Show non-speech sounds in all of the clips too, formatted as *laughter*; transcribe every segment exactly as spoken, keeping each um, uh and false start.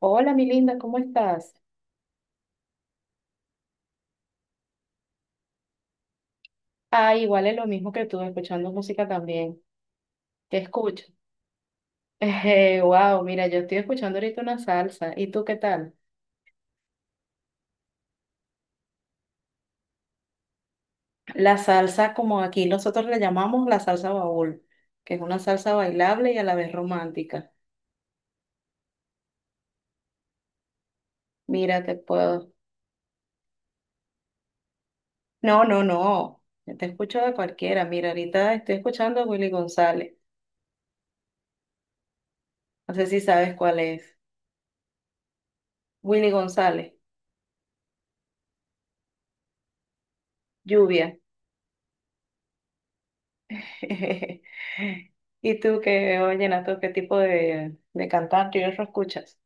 Hola, mi linda, ¿cómo estás? Ah, igual es lo mismo que tú, escuchando música también. Te escucho. *laughs* Eh, wow, mira, yo estoy escuchando ahorita una salsa. ¿Y tú qué tal? La salsa, como aquí nosotros la llamamos la salsa baúl, que es una salsa bailable y a la vez romántica. Mira, te puedo. No, no, no. Te escucho de cualquiera. Mira, ahorita estoy escuchando a Willy González. No sé si sabes cuál es. Willy González, Lluvia. *laughs* ¿Y tú qué, oye, vallenato, qué tipo de, de cantante y eso escuchas?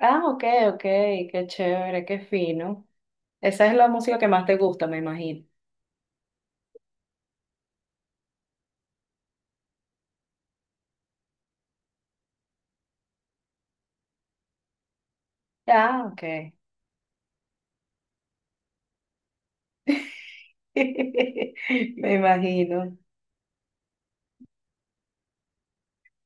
Ah, ok, ok, qué chévere, qué fino. Esa es la música que más te gusta, me imagino. Ah, ok. *laughs* Me imagino.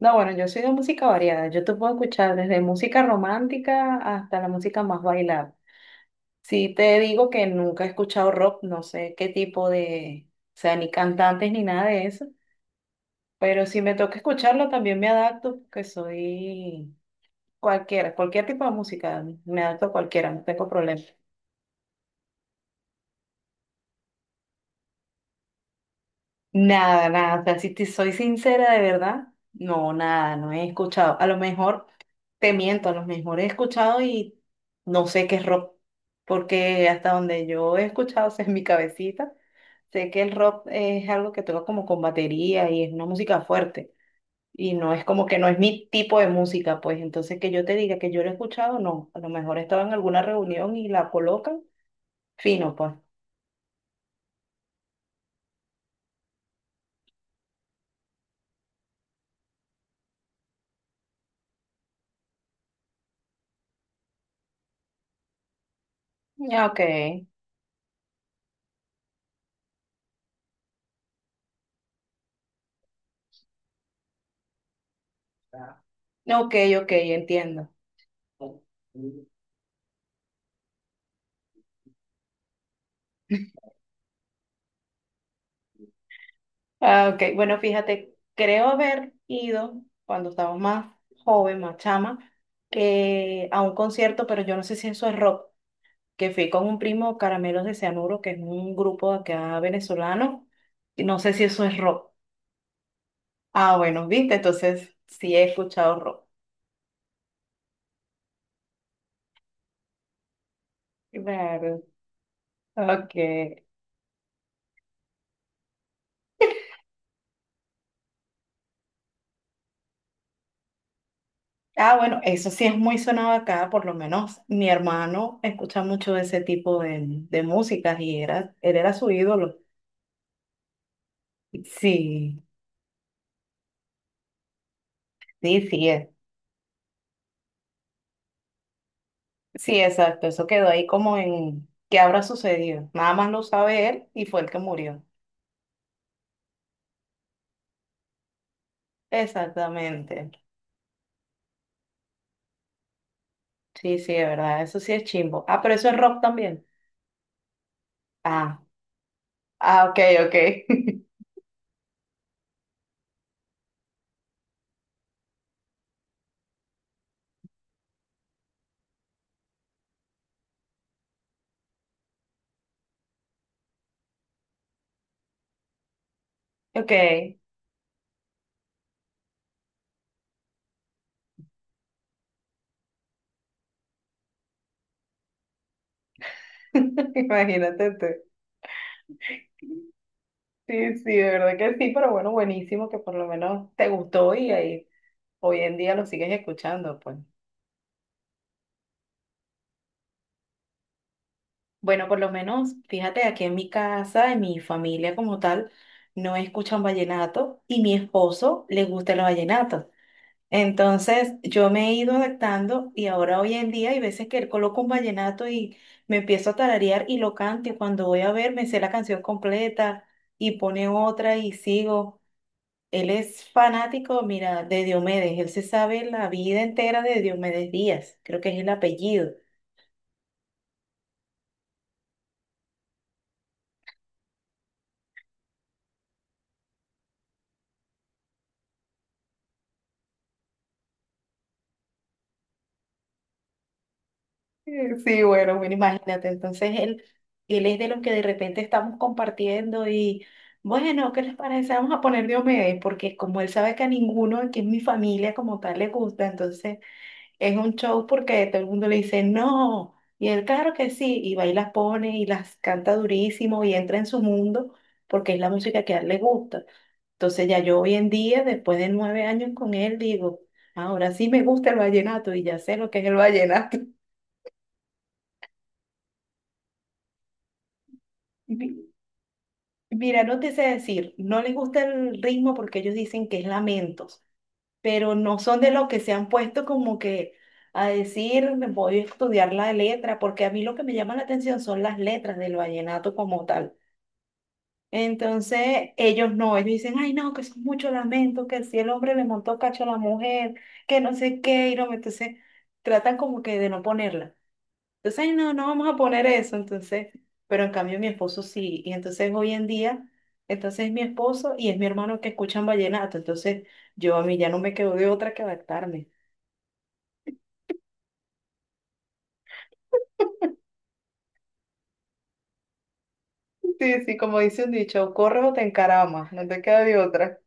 No, bueno, yo soy de música variada. Yo te puedo escuchar desde música romántica hasta la música más bailada. Sí te digo que nunca he escuchado rock, no sé qué tipo de, o sea, ni cantantes ni nada de eso. Pero si me toca escucharlo, también me adapto, porque soy cualquiera, cualquier tipo de música, me adapto a cualquiera, no tengo problema. Nada, nada, o sea, si te soy sincera de verdad, no, nada, no he escuchado. A lo mejor te miento, a lo mejor he escuchado y no sé qué es rock, porque hasta donde yo he escuchado, *laughs* o sea, en mi cabecita, sé que el rock es algo que toca como con batería y es una música fuerte. Y no es como que no es mi tipo de música, pues entonces que yo te diga que yo lo he escuchado, no. A lo mejor estaba en alguna reunión y la colocan, fino, pues. Ya, Ok, ok, ok, entiendo. Ah, ok, bueno, fíjate, creo haber ido cuando estaba más joven, más chama, eh, a un concierto, pero yo no sé si eso es rock, que fui con un primo Caramelos de Cianuro, que es un grupo de acá venezolano, y no sé si eso es rock. Ah, bueno, viste, entonces sí he escuchado rock. Claro. Ok. Ah, bueno, eso sí es muy sonado acá, por lo menos mi hermano escucha mucho de ese tipo de, de músicas y era, él era su ídolo. Sí, sí, sí, es. Sí, exacto, eso quedó ahí como en qué habrá sucedido. Nada más lo sabe él y fue el que murió. Exactamente. Sí, sí, de verdad, eso sí es chimbo. Ah, pero eso es rock también. Ah, ah, ok, ok. *laughs* Ok, *laughs* imagínate tú. Sí, sí, de verdad que sí, pero bueno, buenísimo que por lo menos te gustó y ahí hoy en día lo sigues escuchando, pues. Bueno, por lo menos, fíjate, aquí en mi casa, en mi familia como tal, no escuchan vallenato y mi esposo le gusta el vallenato. Entonces, yo me he ido adaptando y ahora hoy en día hay veces que él coloca un vallenato y me empiezo a tararear y lo canto y cuando voy a ver me sé la canción completa y pone otra y sigo. Él es fanático, mira, de Diomedes. Él se sabe la vida entera de Diomedes Díaz. Creo que es el apellido. Eh, Sí, bueno, bueno, imagínate. Entonces él, él es de los que de repente estamos compartiendo y, bueno, ¿qué les parece? Vamos a poner Diomedes, porque como él sabe que a ninguno que es mi familia como tal le gusta, entonces es un show porque todo el mundo le dice no, y él claro que sí, y va y las pone y las canta durísimo y entra en su mundo porque es la música que a él le gusta. Entonces ya yo hoy en día, después de nueve años con él, digo, ahora sí me gusta el vallenato y ya sé lo que es el vallenato. *laughs* Mi- Mira, no te sé decir, no les gusta el ritmo porque ellos dicen que es lamento, pero no son de lo que se han puesto como que a decir, me voy a estudiar la letra, porque a mí lo que me llama la atención son las letras del vallenato como tal. Entonces, ellos no, ellos dicen, ay, no, que eso es mucho lamento, que si el hombre le montó cacho a la mujer, que no sé qué, y no, entonces tratan como que de no ponerla. Entonces, ay, no, no vamos a poner eso, entonces, pero en cambio mi esposo sí, y entonces hoy en día, entonces es mi esposo y es mi hermano que escuchan vallenato, entonces yo a mí ya no me quedo de otra que adaptarme. Sí, sí, como dice un dicho, corres o te encaramas, no te queda de otra.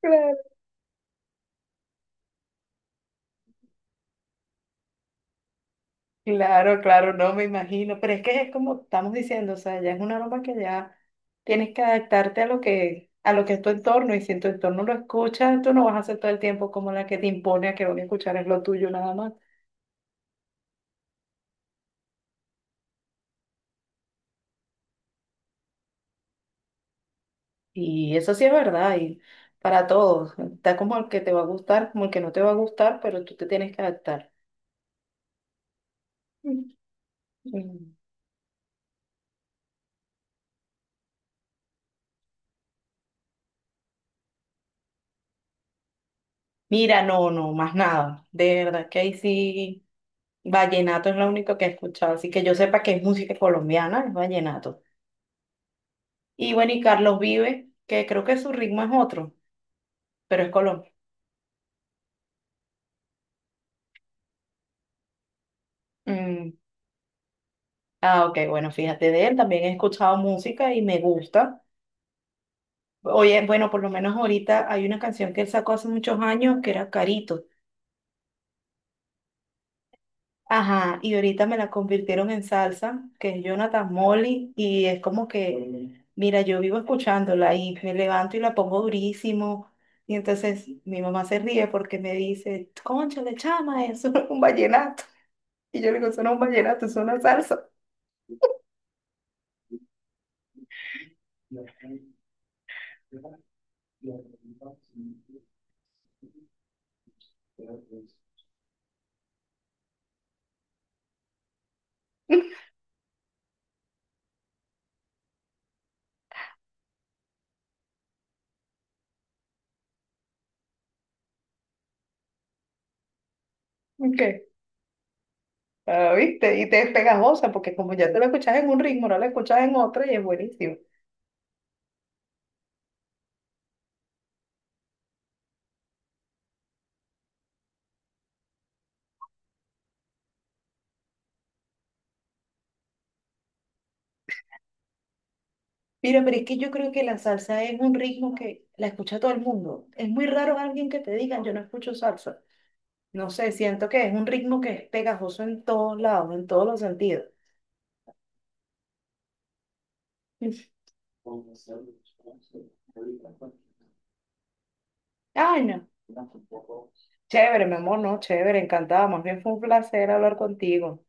Claro. Claro, claro, no me imagino, pero es que es como estamos diciendo, o sea, ya es una aroma que ya tienes que adaptarte a lo que, a lo que es tu entorno, y si en tu entorno lo escuchas, tú no vas a ser todo el tiempo como la que te impone a que lo que escuchar es lo tuyo nada más. Y eso sí es verdad, y para todos, está como el que te va a gustar, como el que no te va a gustar, pero tú te tienes que adaptar. Mm. Mira, no, no, más nada, de verdad que ahí sí. Vallenato es lo único que he escuchado, así que yo sepa que es música colombiana, es vallenato. Y bueno, y Carlos Vives, que creo que su ritmo es otro, pero es Colombia. Mm. Ah, ok, bueno, fíjate de él, también he escuchado música y me gusta. Oye, bueno, por lo menos ahorita hay una canción que él sacó hace muchos años que era Carito. Ajá, y ahorita me la convirtieron en salsa, que es Jonathan Molly, y es como que mira, yo vivo escuchándola y me levanto y la pongo durísimo. Y entonces mi mamá se ríe porque me dice, cónchale, chama, eso no es un vallenato. Y yo le digo, eso no es un vallenato, eso no es una salsa. *laughs* ¿Qué? Ah, ¿viste? Y te es pegajosa porque como ya te lo escuchas en un ritmo, no la escuchas en otro y es buenísimo. Mira, pero es que yo creo que la salsa es un ritmo que la escucha todo el mundo. Es muy raro alguien que te diga, yo no escucho salsa. No sé, siento que es un ritmo que es pegajoso en todos lados, en todos los sentidos. *laughs* Ay, no. Chévere, mi amor, no, chévere, encantada. Más bien fue un placer hablar contigo.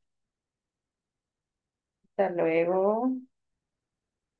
Hasta luego.